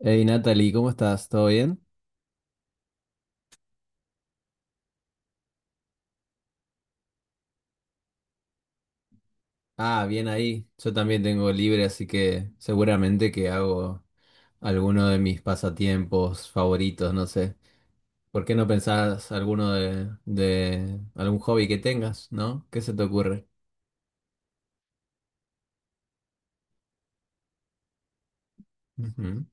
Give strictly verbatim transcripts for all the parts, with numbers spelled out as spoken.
Hey Natalie, ¿cómo estás? ¿Todo bien? Ah, bien ahí. Yo también tengo libre, así que seguramente que hago alguno de mis pasatiempos favoritos, no sé. ¿Por qué no pensás alguno de, de algún hobby que tengas, ¿no? ¿Qué se te ocurre? Ujú.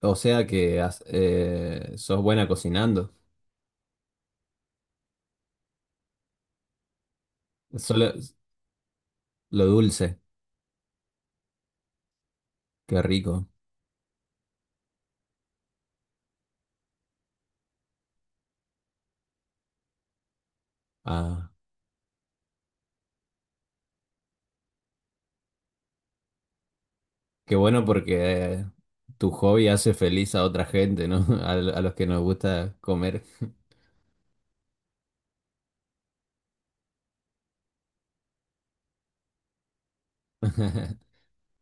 O sea que has- eh, sos buena cocinando. Solo lo dulce, qué rico. Ah, qué bueno porque eh, tu hobby hace feliz a otra gente, ¿no? A, a los que nos gusta comer.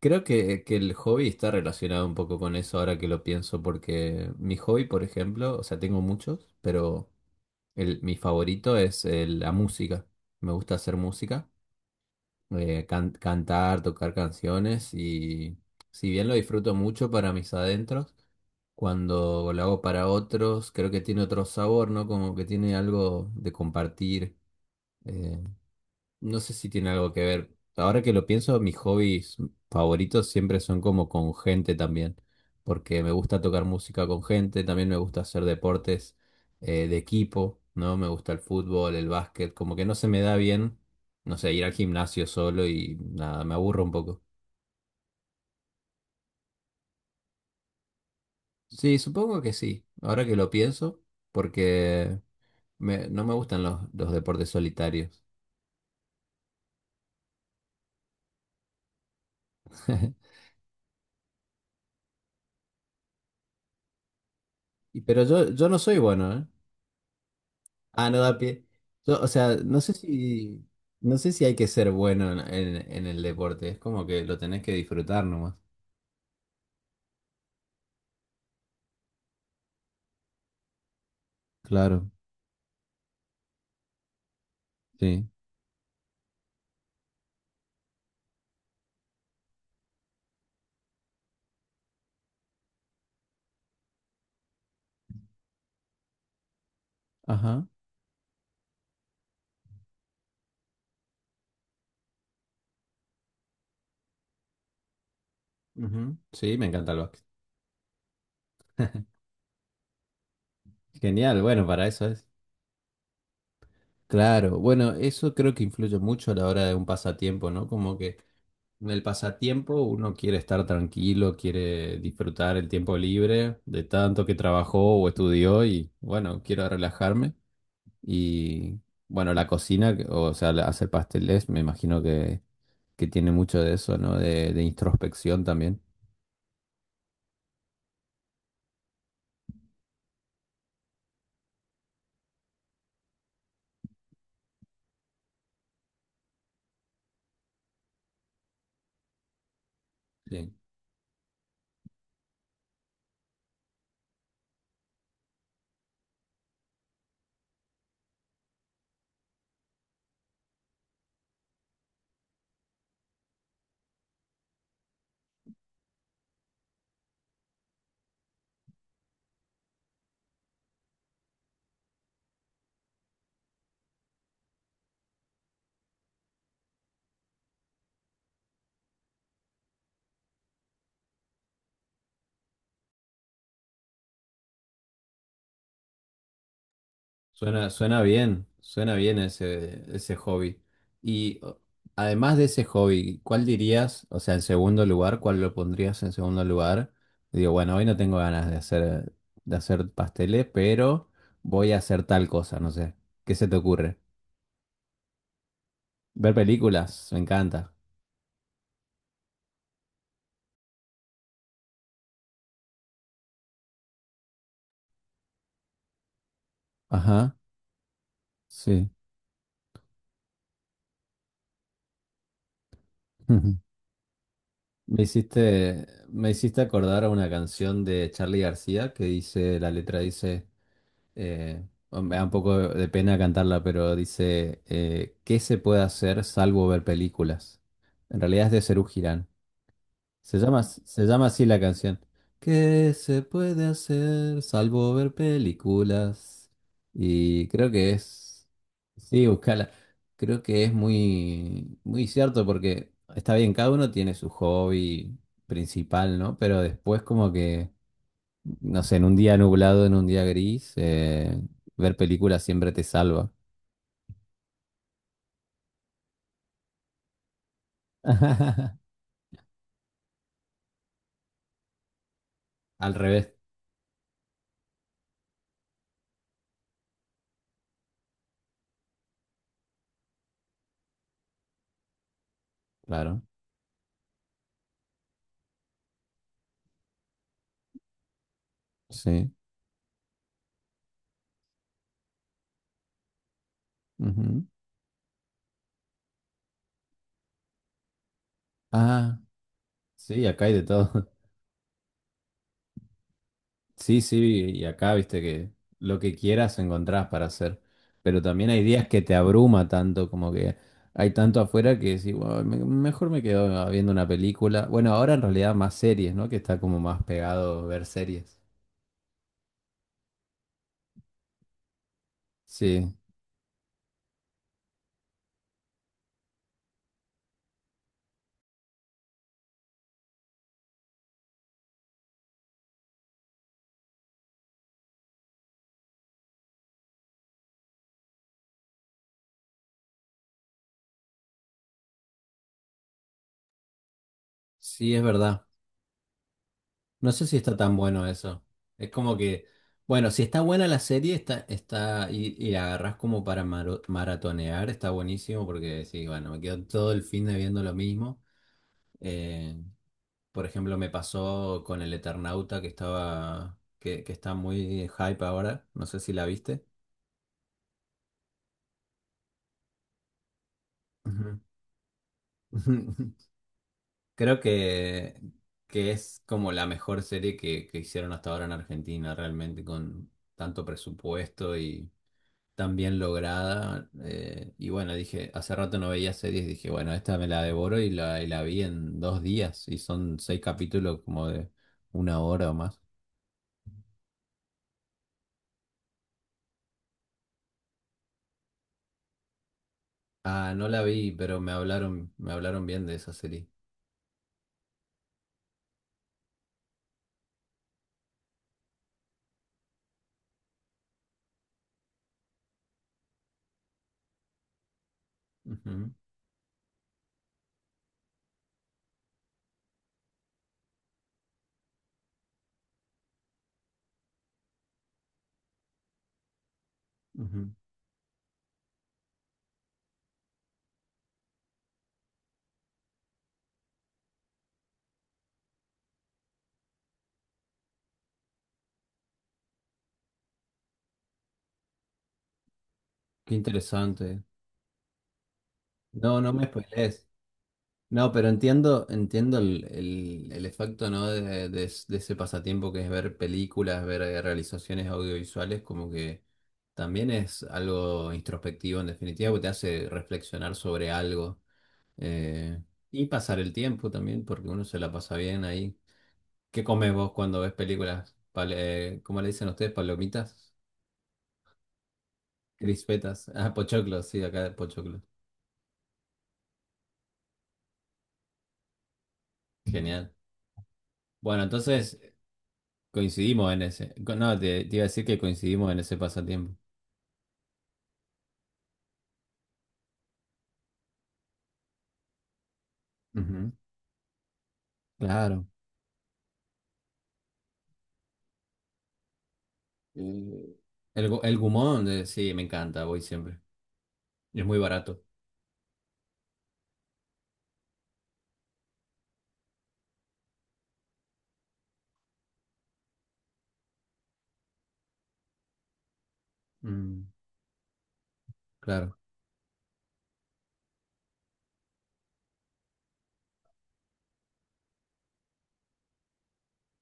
Creo que, que el hobby está relacionado un poco con eso ahora que lo pienso, porque mi hobby, por ejemplo, o sea, tengo muchos, pero el, mi favorito es eh, la música. Me gusta hacer música, eh, can- cantar, tocar canciones y si bien lo disfruto mucho para mis adentros, cuando lo hago para otros, creo que tiene otro sabor, ¿no? Como que tiene algo de compartir. eh, no sé si tiene algo que ver. Ahora que lo pienso, mis hobbies favoritos siempre son como con gente también, porque me gusta tocar música con gente, también me gusta hacer deportes eh, de equipo, ¿no? Me gusta el fútbol, el básquet, como que no se me da bien, no sé, ir al gimnasio solo y nada, me aburro un poco. Sí, supongo que sí, ahora que lo pienso, porque me- no me gustan los, los deportes solitarios. Y- Pero yo, yo no soy bueno, ¿eh? Ah, no da pie. Yo, o sea, no sé si, no sé si hay que ser bueno en, en- en el deporte. Es como que lo tenés que disfrutar nomás. Claro, sí. Ajá. Ujú. Sí, me encanta el básquet. Genial, bueno, para eso es. Claro, bueno, eso creo que influye mucho a la hora de un pasatiempo, ¿no? Como que en el pasatiempo uno quiere estar tranquilo, quiere disfrutar el tiempo libre de tanto que trabajó o estudió y bueno, quiero relajarme. Y bueno, la cocina, que- o sea, la- hacer pasteles, me imagino que, que tiene mucho de eso, ¿no? De, de introspección también. Sí. Suena, suena bien, suena bien ese, ese hobby. Y o- además de ese hobby, ¿cuál dirías, o sea, en segundo lugar, cuál lo pondrías en segundo lugar? Digo, bueno, hoy no tengo ganas de hacer, de hacer pasteles, pero voy a hacer tal cosa, no sé. ¿Qué se te ocurre? Ver películas, me encanta. Ajá, sí. Me hiciste, me hiciste acordar a una canción de Charly García que dice, la letra dice, eh, bueno, me da un poco de pena cantarla, pero dice, eh, ¿qué se puede hacer salvo ver películas? En realidad es de Serú Girán. Se llama, se llama así la canción. ¿Qué se puede hacer salvo ver películas? Y creo que es... Sí, buscala. Creo que es muy, muy cierto porque está bien, cada uno tiene su hobby principal, ¿no? Pero después como que, no sé, en un día nublado, en un día gris, eh, ver películas siempre te salva. Al revés, claro. Sí. Ujú. Ah, sí, acá hay de todo. Sí, sí, y acá viste que lo que quieras encontrás para hacer, pero también hay días que te abruma tanto, como que hay tanto afuera que decís, "Bueno, me- mejor me quedo viendo una película. Bueno, ahora en realidad más series, ¿no? Que está como más pegado ver series. Sí, sí, es verdad. No sé si está tan bueno eso. Es como que, bueno, si está buena la serie, está, está, y, y la agarrás como para maro- maratonear, está buenísimo porque decís, bueno, me quedo todo el fin de viendo lo mismo. Eh, Por ejemplo, me pasó con el Eternauta que estaba, que, que está muy hype ahora. No sé si la viste. Ujú. Creo que, que es como la mejor serie que, que hicieron hasta ahora en Argentina, realmente con tanto presupuesto y tan bien lograda. Eh, y bueno, dije, hace rato no veía series, dije, bueno, esta me la devoro y la, y la vi en dos días. Y son seis capítulos como de una hora o más. Ah, no la vi, pero me hablaron, me hablaron bien de esa serie. Ujú, ujú. Qué interesante. No, no me spoilees. No, pero entiendo, entiendo el, el, el efecto, ¿no? De, de es- de ese pasatiempo que es ver películas, ver eh, realizaciones audiovisuales, como que también es algo introspectivo en definitiva, porque te hace reflexionar sobre algo eh, y pasar el tiempo también, porque uno se la pasa bien ahí. ¿Qué comes vos cuando ves películas? Pal- eh, ¿cómo le dicen ustedes? ¿Palomitas? ¿Crispetas? Ah, pochoclos, sí, acá pochoclos. Genial. Bueno, entonces coincidimos en ese. co- No, te, te iba a decir que coincidimos en ese pasatiempo. Ujú, claro. Eh, El, gu- el gumón, eh, sí, me encanta, voy siempre. Y es muy barato. Mm, claro,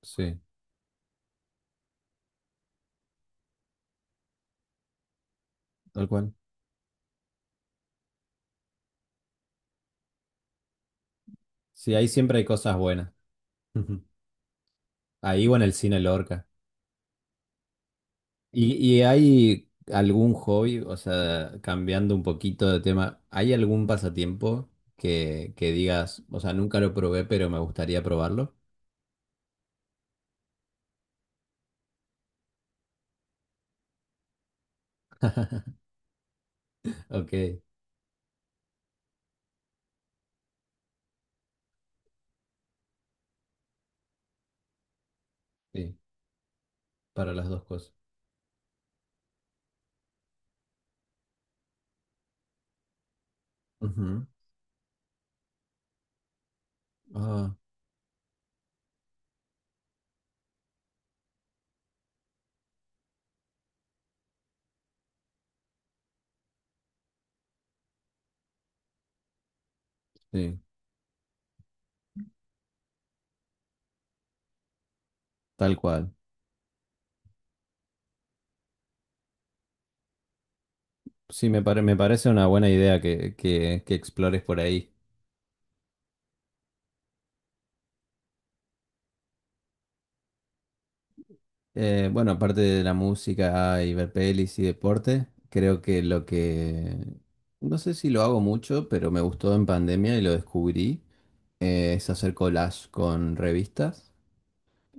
sí, tal cual. Sí, ahí siempre hay cosas buenas. Ujú. Ahí o en el cine Lorca. ¿Y, y hay algún hobby, o sea, cambiando un poquito de tema, ¿hay algún pasatiempo que, que digas, o sea, nunca lo probé, pero me gustaría probarlo? Ok, sí, para las dos cosas. Ujú. Ah, sí, tal cual. Sí, me pare- me parece una buena idea que, que- que explores por ahí. Eh, bueno, aparte de la música y ver pelis y deporte, creo que lo que... No sé si lo hago mucho, pero me gustó en pandemia y lo descubrí, eh, es hacer collage con revistas.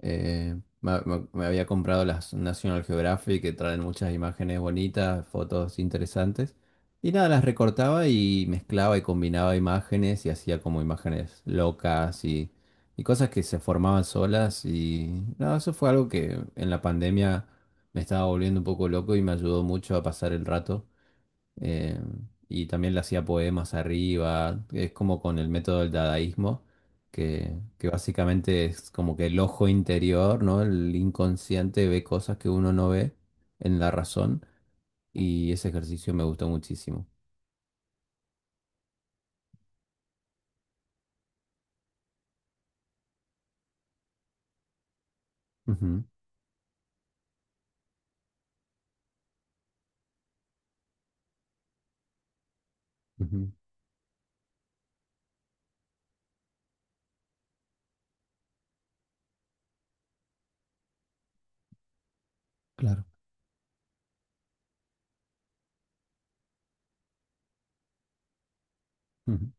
Eh, me, me- me había comprado las National Geographic que traen muchas imágenes bonitas, fotos interesantes. Y nada, las recortaba y mezclaba y combinaba imágenes y hacía como imágenes locas y, y cosas que se formaban solas. Y nada, eso fue algo que en la pandemia me estaba volviendo un poco loco y me ayudó mucho a pasar el rato eh, y también le hacía poemas arriba, es como con el método del dadaísmo, que, que básicamente es como que el ojo interior, ¿no? El inconsciente ve cosas que uno no ve en la razón y ese ejercicio me gustó muchísimo. Ujú, ujú. Claro. Ujú,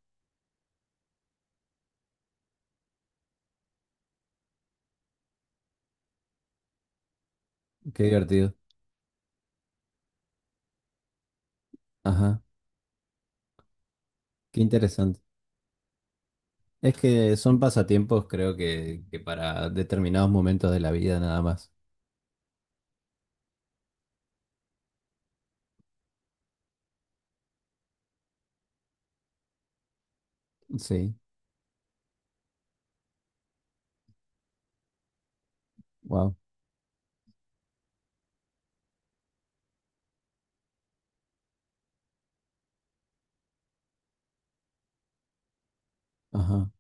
qué divertido. Ajá, qué interesante. Es que son pasatiempos, creo que, que para determinados momentos de la vida nada más. Sí, wow. Ajá.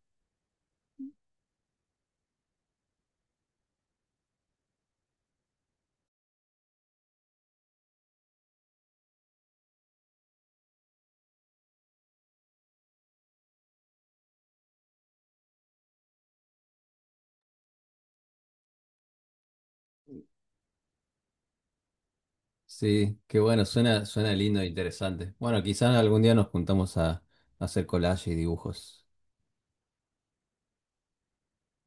Sí, qué bueno, suena, suena lindo e interesante. Bueno, quizás algún día nos juntamos a, a hacer collage y dibujos.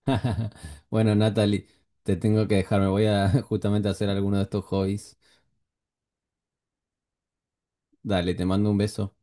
Bueno, Natalie, te tengo que dejar, me voy a justamente a hacer alguno de estos hobbies. Dale, te mando un beso.